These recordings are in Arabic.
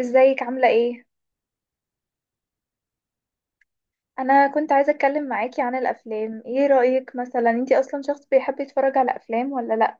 ازيك عاملة ايه؟ انا كنت عايزة اتكلم معاكي عن الافلام. ايه رأيك، مثلا، انتي اصلا شخص بيحب يتفرج على افلام ولا لا؟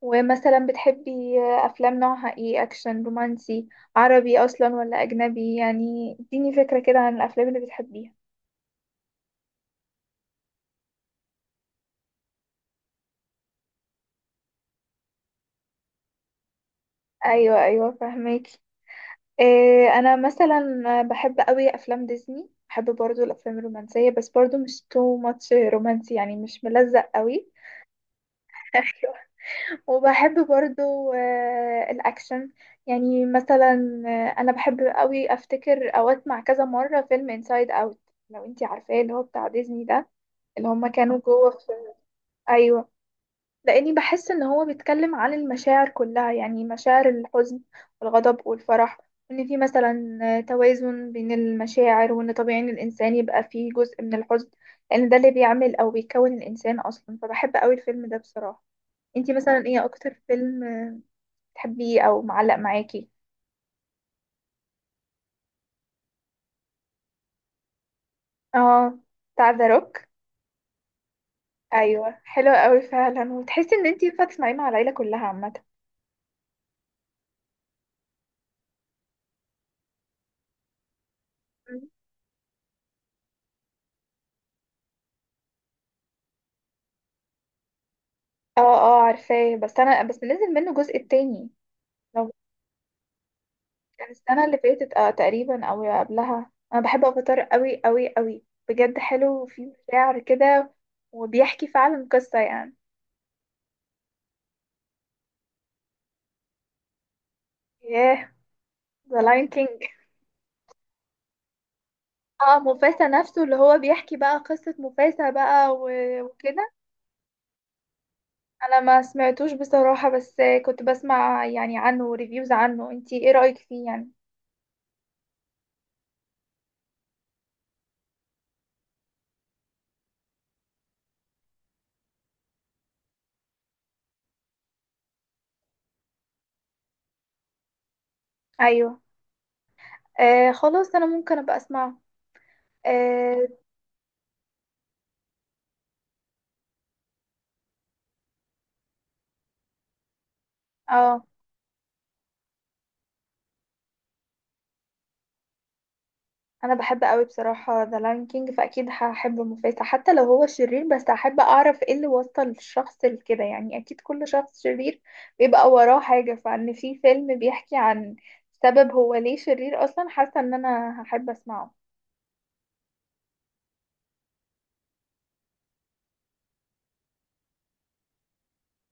ومثلا بتحبي افلام نوعها ايه؟ اكشن، رومانسي، عربي اصلا ولا اجنبي؟ يعني اديني فكرة كده عن الافلام اللي بتحبيها. ايوه، ايوه، فهماكي. إيه، انا مثلا بحب قوي افلام ديزني، بحب برضو الافلام الرومانسية، بس برضو مش تو ماتش رومانسي، يعني مش ملزق قوي. وبحب برضو الأكشن. يعني مثلا أنا بحب قوي. أفتكر أو أسمع كذا مرة فيلم Inside Out، لو انتي عارفاه، اللي هو بتاع ديزني ده، اللي هما كانوا جوه في. أيوة، لأني بحس إن هو بيتكلم عن المشاعر كلها، يعني مشاعر الحزن والغضب والفرح، وإن في مثلا توازن بين المشاعر، وإن طبيعي إن الإنسان يبقى فيه جزء من الحزن، لأن ده اللي بيعمل أو بيكون الإنسان أصلا. فبحب قوي الفيلم ده بصراحة. انتي مثلا ايه أكتر فيلم بتحبيه او معلق معاكي؟ اه، بتاع ذا روك. ايوه، حلو قوي فعلا، وتحسي ان انتي ينفع تسمعيه مع العيله كلها عامه. مم. اه، اه، عارفاه، بس انا نزل منه الجزء التاني. لو كان السنه اللي فاتت تقريبا او قبلها. انا بحب افاتار قوي قوي قوي، بجد حلو وفيه مشاعر كده، وبيحكي فعلا قصه يعني. ياه، ذا لاين كينج. اه، موفاسا نفسه، اللي هو بيحكي بقى قصه موفاسا بقى و- وكده. انا ما سمعتوش بصراحة، بس كنت بسمع يعني عنه ريفيوز عنه. انتي ايه رأيك فيه يعني؟ ايوه. خلاص انا ممكن ابقى اسمعه. اه, آه انا بحب قوي بصراحة ذا لاين كينج، فاكيد هحب مفاسة حتى لو هو شرير، بس هحب اعرف ايه اللي وصل الشخص لكده. يعني اكيد كل شخص شرير بيبقى وراه حاجة، فان في فيلم بيحكي عن سبب هو ليه شرير اصلا. حاسة ان انا هحب اسمعه.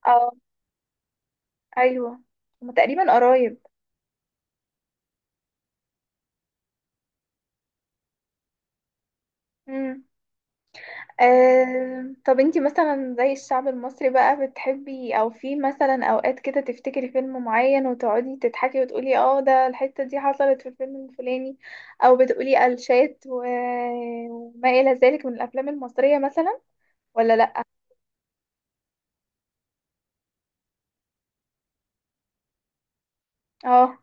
اه، ايوه، هما تقريبا قرايب. طب انتي مثلا زي الشعب المصري بقى، بتحبي او في مثلا اوقات كده تفتكري فيلم معين وتقعدي تضحكي وتقولي اه، ده الحتة دي حصلت في الفيلم الفلاني؟ او بتقولي قلشات و... وما الى ذلك من الافلام المصرية مثلا ولا لا؟ اه،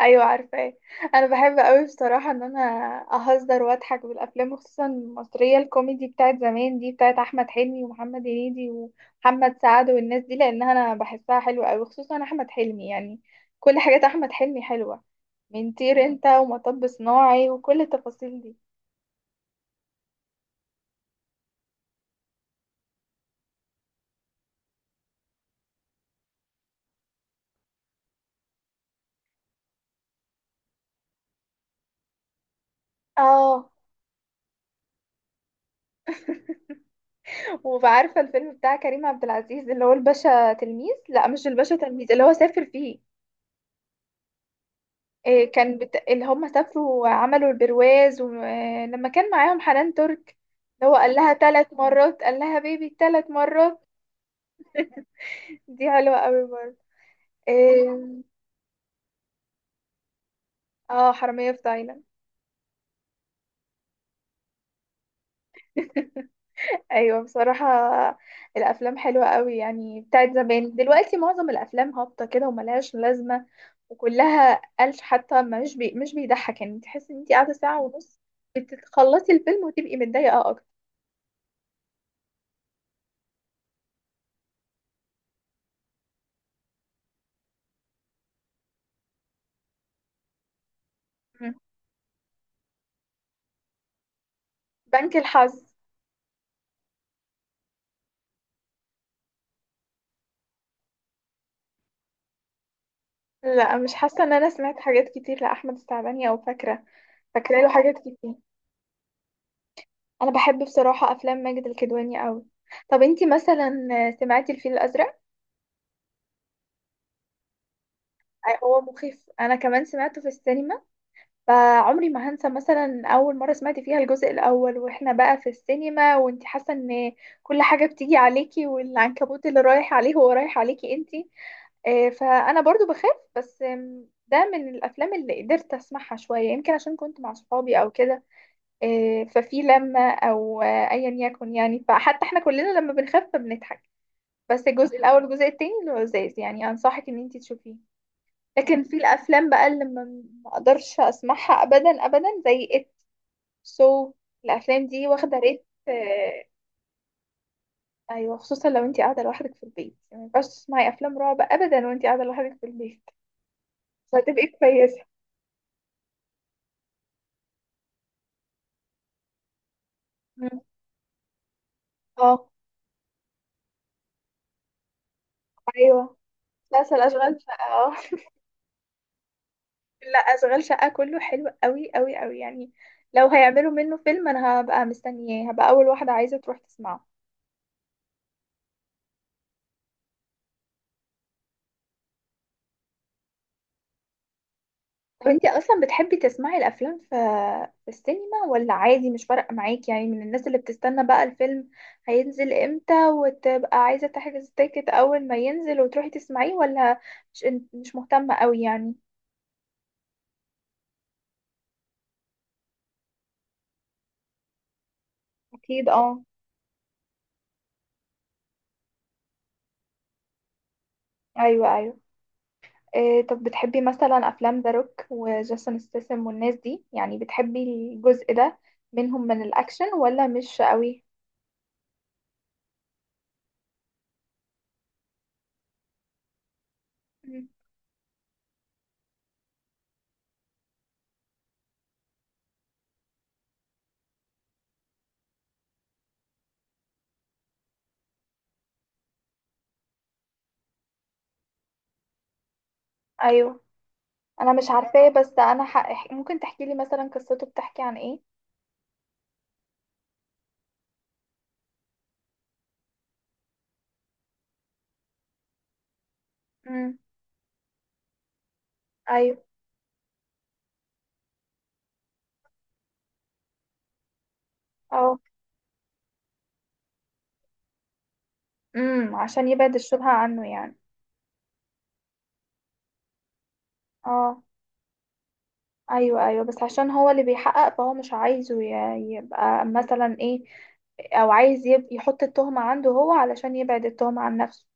ايوه، عارفاه. انا بحب قوي بصراحه ان انا اهزر واضحك بالافلام، وخصوصا المصريه الكوميدي بتاعت زمان دي، بتاعت احمد حلمي ومحمد هنيدي ومحمد سعد والناس دي، لانها انا بحسها حلوه قوي، خصوصا احمد حلمي. يعني كل حاجات احمد حلمي حلوه، من طير انت ومطب صناعي وكل التفاصيل دي. اه، وعارفه الفيلم بتاع كريم عبد العزيز اللي هو الباشا تلميذ، لا مش الباشا تلميذ، اللي هو سافر فيه. إيه، كان اللي هم سافروا وعملوا البرواز، ولما كان معاهم حنان ترك، اللي هو قال لها 3 مرات، قال لها بيبي 3 مرات. دي حلوة قوي برضه. إيه... اه، حرامية في تايلاند. ايوه بصراحة، الافلام حلوة قوي يعني بتاعت زمان. دلوقتي معظم الافلام هابطة كده وملهاش لازمة، وكلها قالش، حتى مش بيضحك، يعني تحس ان انت قاعدة ساعة ونص بتخلصي الفيلم وتبقي متضايقة اكتر. مم. بنك الحظ. لا، مش حاسة ان انا سمعت حاجات كتير لأحمد السعداني، او فاكرة. فاكرة له حاجات كتير. انا بحب بصراحة افلام ماجد الكدواني قوي. طب انتي مثلا سمعتي الفيل الازرق؟ هو مخيف، انا كمان سمعته في السينما. فعمري ما هنسى مثلا اول مرة سمعت فيها الجزء الاول واحنا بقى في السينما، وانتي حاسة ان كل حاجة بتيجي عليكي، والعنكبوت اللي رايح عليه هو رايح عليكي انتي. فانا برضو بخاف، بس ده من الافلام اللي قدرت اسمعها شوية، يمكن عشان كنت مع صحابي او كده. ففي لما او ايا يكن، يعني فحتى احنا كلنا لما بنخاف فبنضحك. بس الجزء الاول والجزء التاني لذيذ، يعني انصحك ان انت تشوفيه. لكن في الافلام بقى اللي ما اقدرش اسمعها ابدا ابدا، زي ات سو الافلام دي واخده ريت. ايوه، خصوصا لو انت قاعده لوحدك في البيت، يعني ما ينفعش تسمعي افلام رعب ابدا وانت قاعده لوحدك في البيت. مش هتبقي كويسه. مم. اه، ايوه، مسلسل اشغال شقه، اه. لا، اشغال شقة كله حلو قوي قوي قوي. يعني لو هيعملوا منه فيلم انا هبقى مستنياه، هبقى اول واحدة عايزة تروح تسمعه. طب انتي اصلا بتحبي تسمعي الافلام في السينما، ولا عادي مش فارقة معاكي؟ يعني من الناس اللي بتستنى بقى الفيلم هينزل امتى، وتبقى عايزة تحجز تيكت اول ما ينزل وتروحي تسمعيه، ولا مش مش مهتمة قوي يعني؟ اكيد، اه، ايوه، ايوه. إيه، طب بتحبي مثلا افلام ذا روك وجيسون ستاثام والناس دي؟ يعني بتحبي الجزء ده منهم من الاكشن ولا مش قوي؟ مم. ايوه. انا مش عارفاه، بس انا ممكن تحكي لي مثلا قصته؟ بتحكي عن ايه؟ امم. ايوه. اه، عشان يبعد الشبهة عنه يعني. اه، ايوه، ايوه، بس عشان هو اللي بيحقق فهو مش عايزه يبقى مثلا ايه، او عايز يحط التهمة عنده هو علشان يبعد التهمة عن نفسه.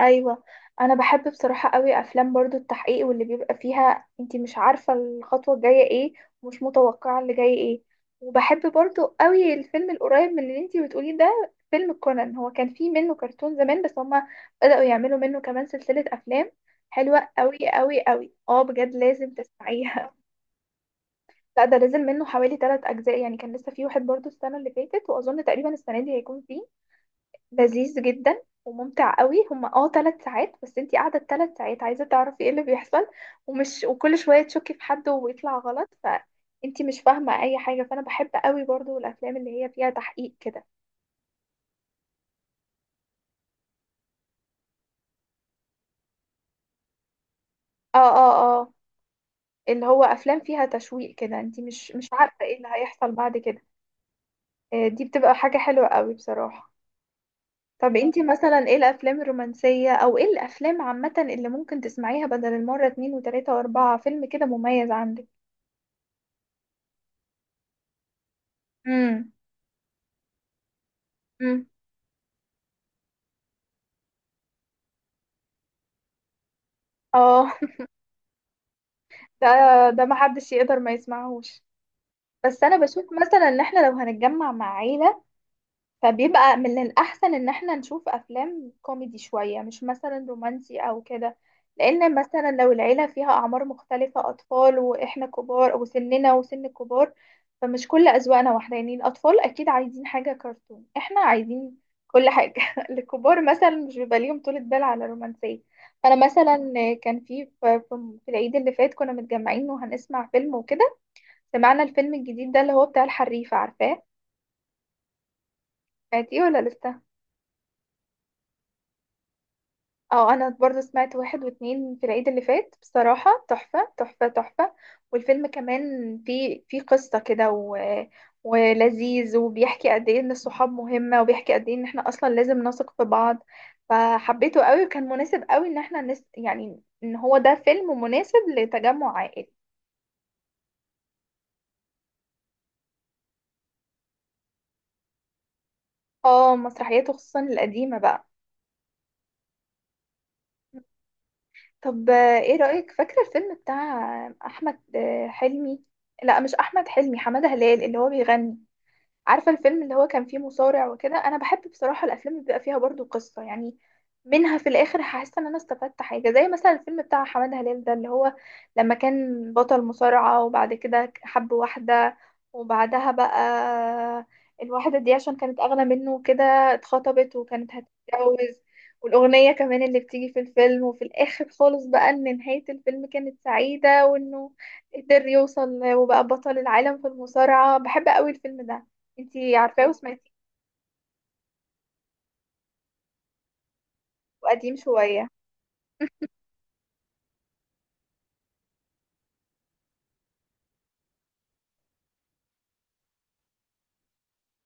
ايوه، انا بحب بصراحه قوي افلام برضو التحقيق، واللي بيبقى فيها انتي مش عارفه الخطوه الجايه ايه، ومش متوقعه اللي جاي ايه. وبحب برضو قوي الفيلم القريب من اللي انتي بتقوليه ده، فيلم كونان. هو كان فيه منه كرتون زمان، بس هما بدأوا يعملوا منه كمان سلسله افلام حلوه قوي قوي قوي، اه بجد لازم تسمعيها. لا، ده نزل منه حوالي 3 اجزاء، يعني كان لسه فيه واحد برضو السنه اللي فاتت، واظن تقريبا السنه دي هيكون فيه. لذيذ جدا وممتع قوي، هما اه 3 ساعات، بس انتي قاعده 3 ساعات عايزه تعرفي ايه اللي بيحصل، ومش وكل شويه تشكي في حد ويطلع غلط فانتي مش فاهمه اي حاجه. فانا بحب قوي برضو الافلام اللي هي فيها تحقيق كده. اه، اه، اه، اللي هو افلام فيها تشويق كده، انتي مش عارفه ايه اللي هيحصل بعد كده. دي بتبقى حاجه حلوه قوي بصراحه. طب انتي مثلا ايه الافلام الرومانسيه او ايه الافلام عامه اللي ممكن تسمعيها بدل المره، اتنين وتلاته واربعه، فيلم كده مميز عندك؟ امم. اه، ده ده محدش يقدر ما يسمعهوش، بس انا بشوف مثلا ان احنا لو هنتجمع مع عيلة، فبيبقى من الأحسن إن احنا نشوف أفلام كوميدي شوية، مش مثلا رومانسي أو كده. لأن مثلا لو العيلة فيها أعمار مختلفة، أطفال وإحنا كبار، وسننا وسن الكبار، فمش كل أذواقنا واحدة. يعني الأطفال أكيد عايزين حاجة كرتون، احنا عايزين كل حاجة. الكبار مثلا مش بيبقى ليهم طولة بال على الرومانسية. أنا مثلا، كان في العيد اللي فات كنا متجمعين وهنسمع فيلم وكده. سمعنا الفيلم الجديد ده اللي هو بتاع الحريفة، عارفاه؟ سمعتيه ولا لسه؟ اه، انا برضو سمعت واحد واتنين في العيد اللي فات، بصراحة تحفة تحفة تحفة. والفيلم كمان فيه قصة كده و... ولذيذ، وبيحكي قد ايه ان الصحاب مهمة، وبيحكي قد ايه ان احنا اصلا لازم نثق في بعض، فحبيته قوي، وكان مناسب قوي ان احنا يعني ان هو ده فيلم مناسب لتجمع عائلي. اه، مسرحياته خصوصا القديمة بقى. طب ايه رأيك فاكرة الفيلم بتاع احمد حلمي؟ لا، مش احمد حلمي، حمادة هلال اللي هو بيغني. عارفة الفيلم اللي هو كان فيه مصارع وكده؟ انا بحب بصراحة الافلام اللي بيبقى فيها برضو قصة، يعني منها في الاخر حاسة ان انا استفدت حاجة، زي مثلا الفيلم بتاع حمادة هلال ده اللي هو لما كان بطل مصارعة وبعد كده حب واحدة، وبعدها بقى الواحدة دي عشان كانت اغنى منه كده، اتخطبت وكانت هتتجوز. والأغنية كمان اللي بتيجي في الفيلم، وفي الآخر خالص بقى إن نهاية الفيلم كانت سعيدة، وإنه قدر يوصل وبقى بطل العالم في المصارعة. بحب قوي الفيلم ده. انتي عارفاه وسمعتيه؟ قديم شوية.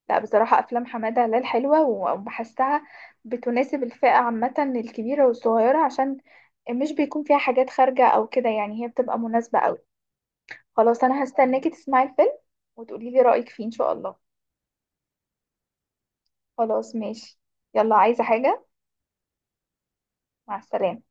لا، بصراحة أفلام حمادة هلال حلوة، وبحسها بتناسب الفئة عامة الكبيرة والصغيرة، عشان مش بيكون فيها حاجات خارجة أو كده، يعني هي بتبقى مناسبة أوي. خلاص، أنا هستناكي تسمعي الفيلم وتقولي لي رأيك فيه إن شاء الله. خلاص ماشي. يلا، عايزة حاجة؟ مع السلامة.